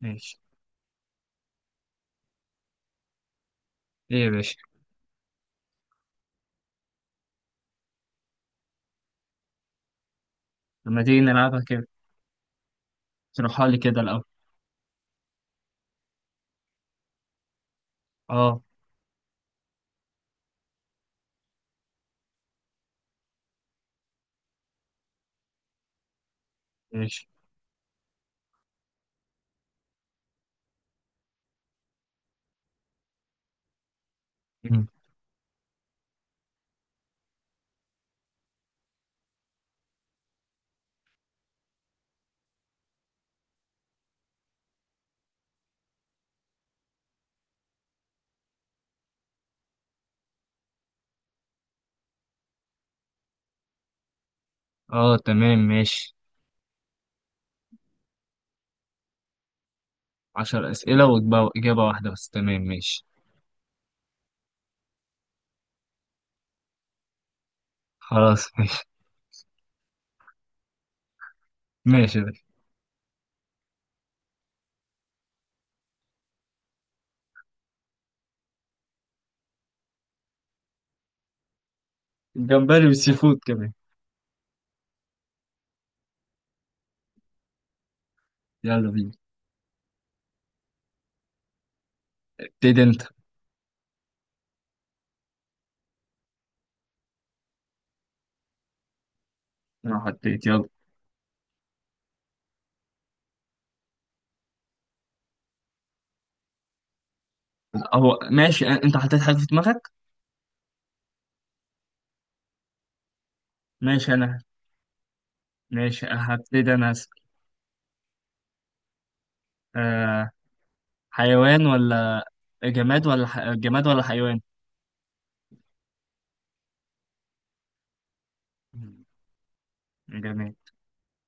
ماشي. ايه يا باشا؟ لما تيجي نلعبها كده. اشرحها لي كده الأول. اه، ماشي. مم. اه، تمام، ماشي. 10 أسئلة وإجابة إجابة واحدة بس. تمام، ماشي. خلاص ماشي، ماشي يا باشا. الجمبري والسي فود كمان. يلا بينا. ابتدي انت. انا حطيت، يلا. هو ماشي. انت حطيت حاجة في دماغك. ماشي انا. ماشي، هبتدي انا أسأل. آه. حيوان ولا جماد ولا جماد ولا حيوان. مم. جماد.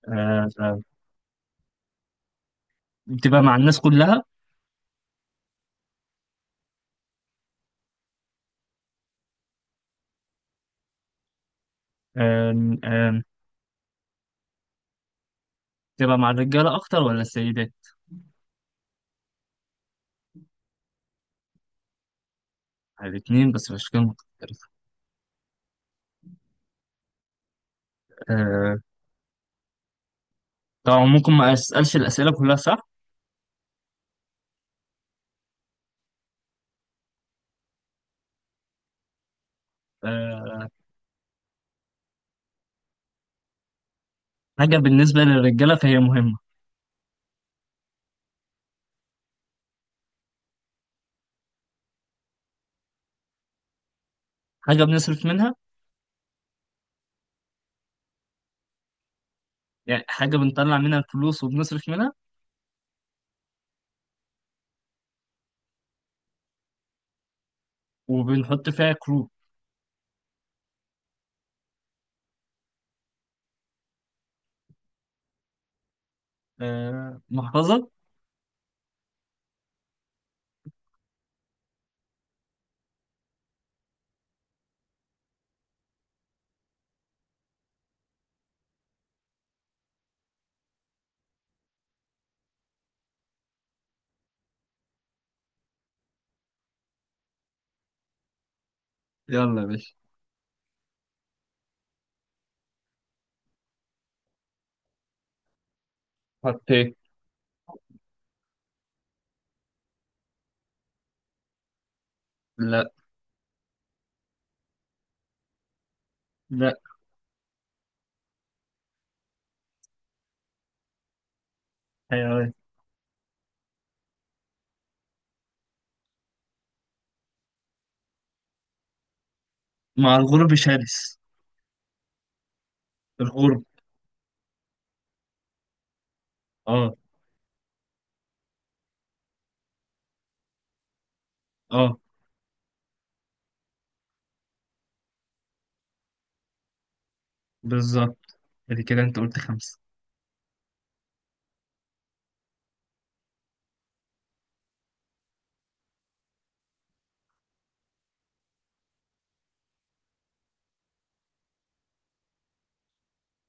آه، آه. بتبقى مع الناس كلها. آه، آه. تبقى مع الرجالة أكتر ولا السيدات؟ مع الاتنين بس بشكل مختلف. آه، طبعا ممكن ما أسألش الأسئلة كلها صح. آه، حاجة بالنسبة للرجالة فهي مهمة. حاجة بنصرف منها. يعني حاجة بنطلع منها الفلوس وبنصرف منها. وبنحط فيها كروت. آه، محفظة. يلا يا باشا. حطيت. لا، لا. حيوان. مع الغرب شرس. الغرب. اه، اه، بالظبط. ادي كده انت قلت 5.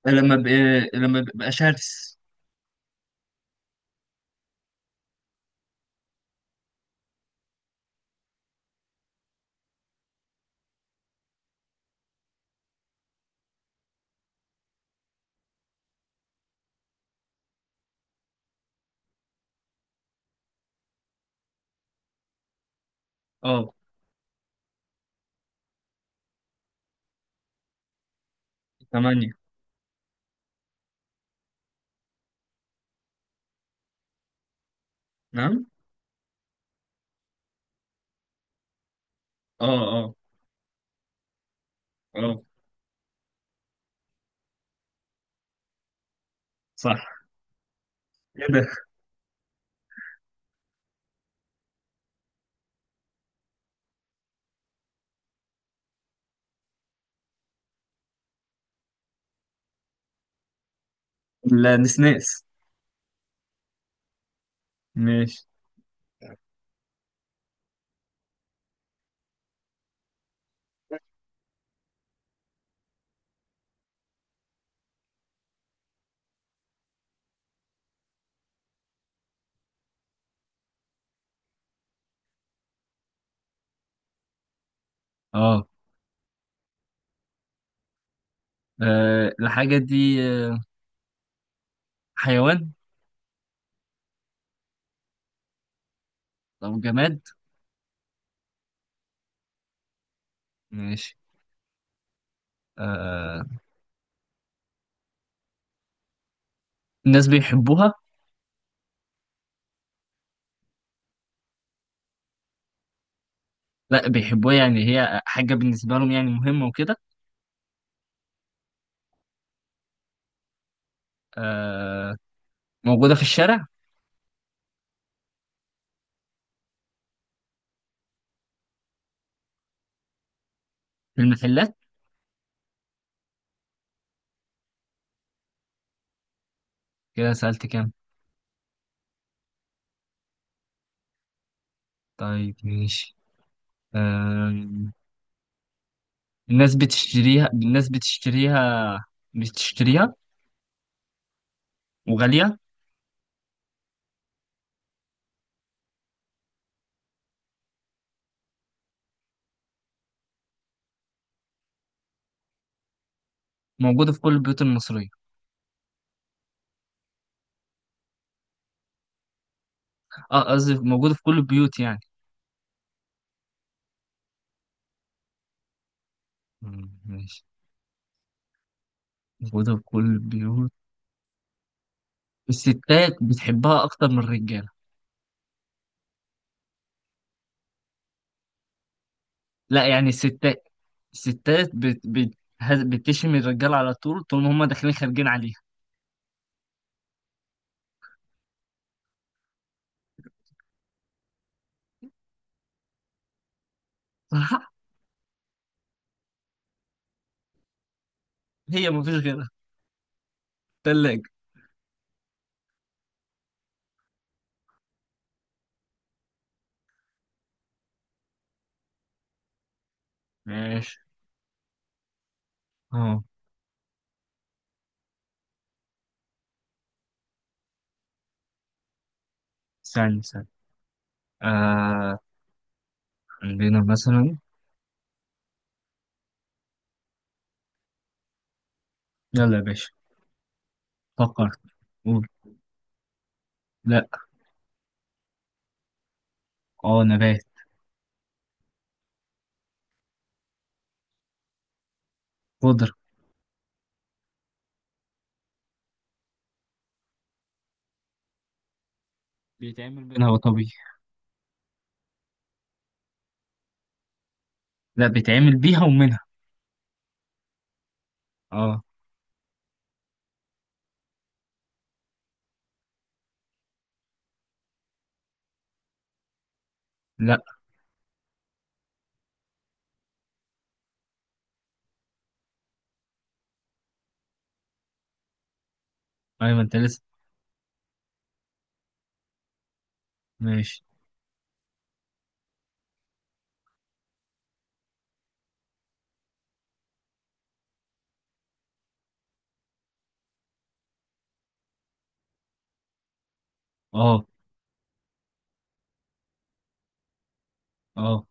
لما بقى شرس. اه. 8. نعم. اه، آه. اه، صح. ايه ده؟ النسناس. ماشي. اه، آه، الحاجة دي. آه، حيوان أو جماد. ماشي. آه. الناس بيحبوها. لا، بيحبوها يعني هي حاجة بالنسبة لهم، يعني مهمة وكده. آه. موجودة في الشارع. في المحلات. كده سألت كام؟ طيب، ماشي. آه. الناس بتشتريها بتشتريها. وغالية. موجودة في كل البيوت المصرية. اه، قصدي موجودة في كل البيوت يعني. ماشي. موجودة في كل البيوت. الستات بتحبها أكتر من الرجالة. لا يعني الستات. الستات بتشم الرجالة على طول، طول ما هما داخلين خارجين عليها. صح؟ هي مفيش غيرها. تلاجة. ماشي. اه، ثاني، ثاني. آه، عندنا مثلا. يلا يا باشا، فكر. قول. لا. اه، نبات. خضرة. بيتعمل منها وطبيعي. لا، بيتعمل بيها ومنها. اه. لا. ايوه انت لسه. ماشي. اه. اه،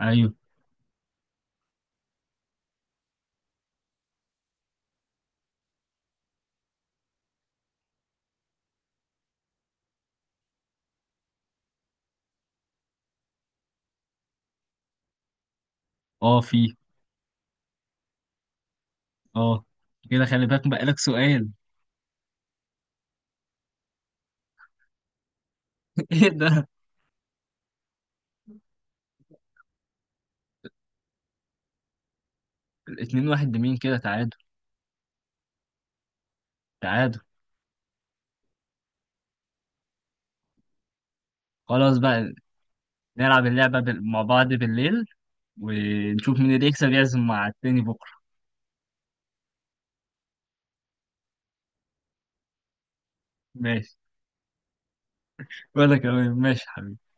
ايوه. اه، في. اه. كده خلي بالك بقالك سؤال. ايه ده؟ الاتنين واحد لمين كده؟ تعادل. تعادل. خلاص بقى. نلعب اللعبة مع بعض بالليل ونشوف مين اللي يكسب يعزم مع التاني بكرة. ماشي. ولا كمان ماشي حبيبي.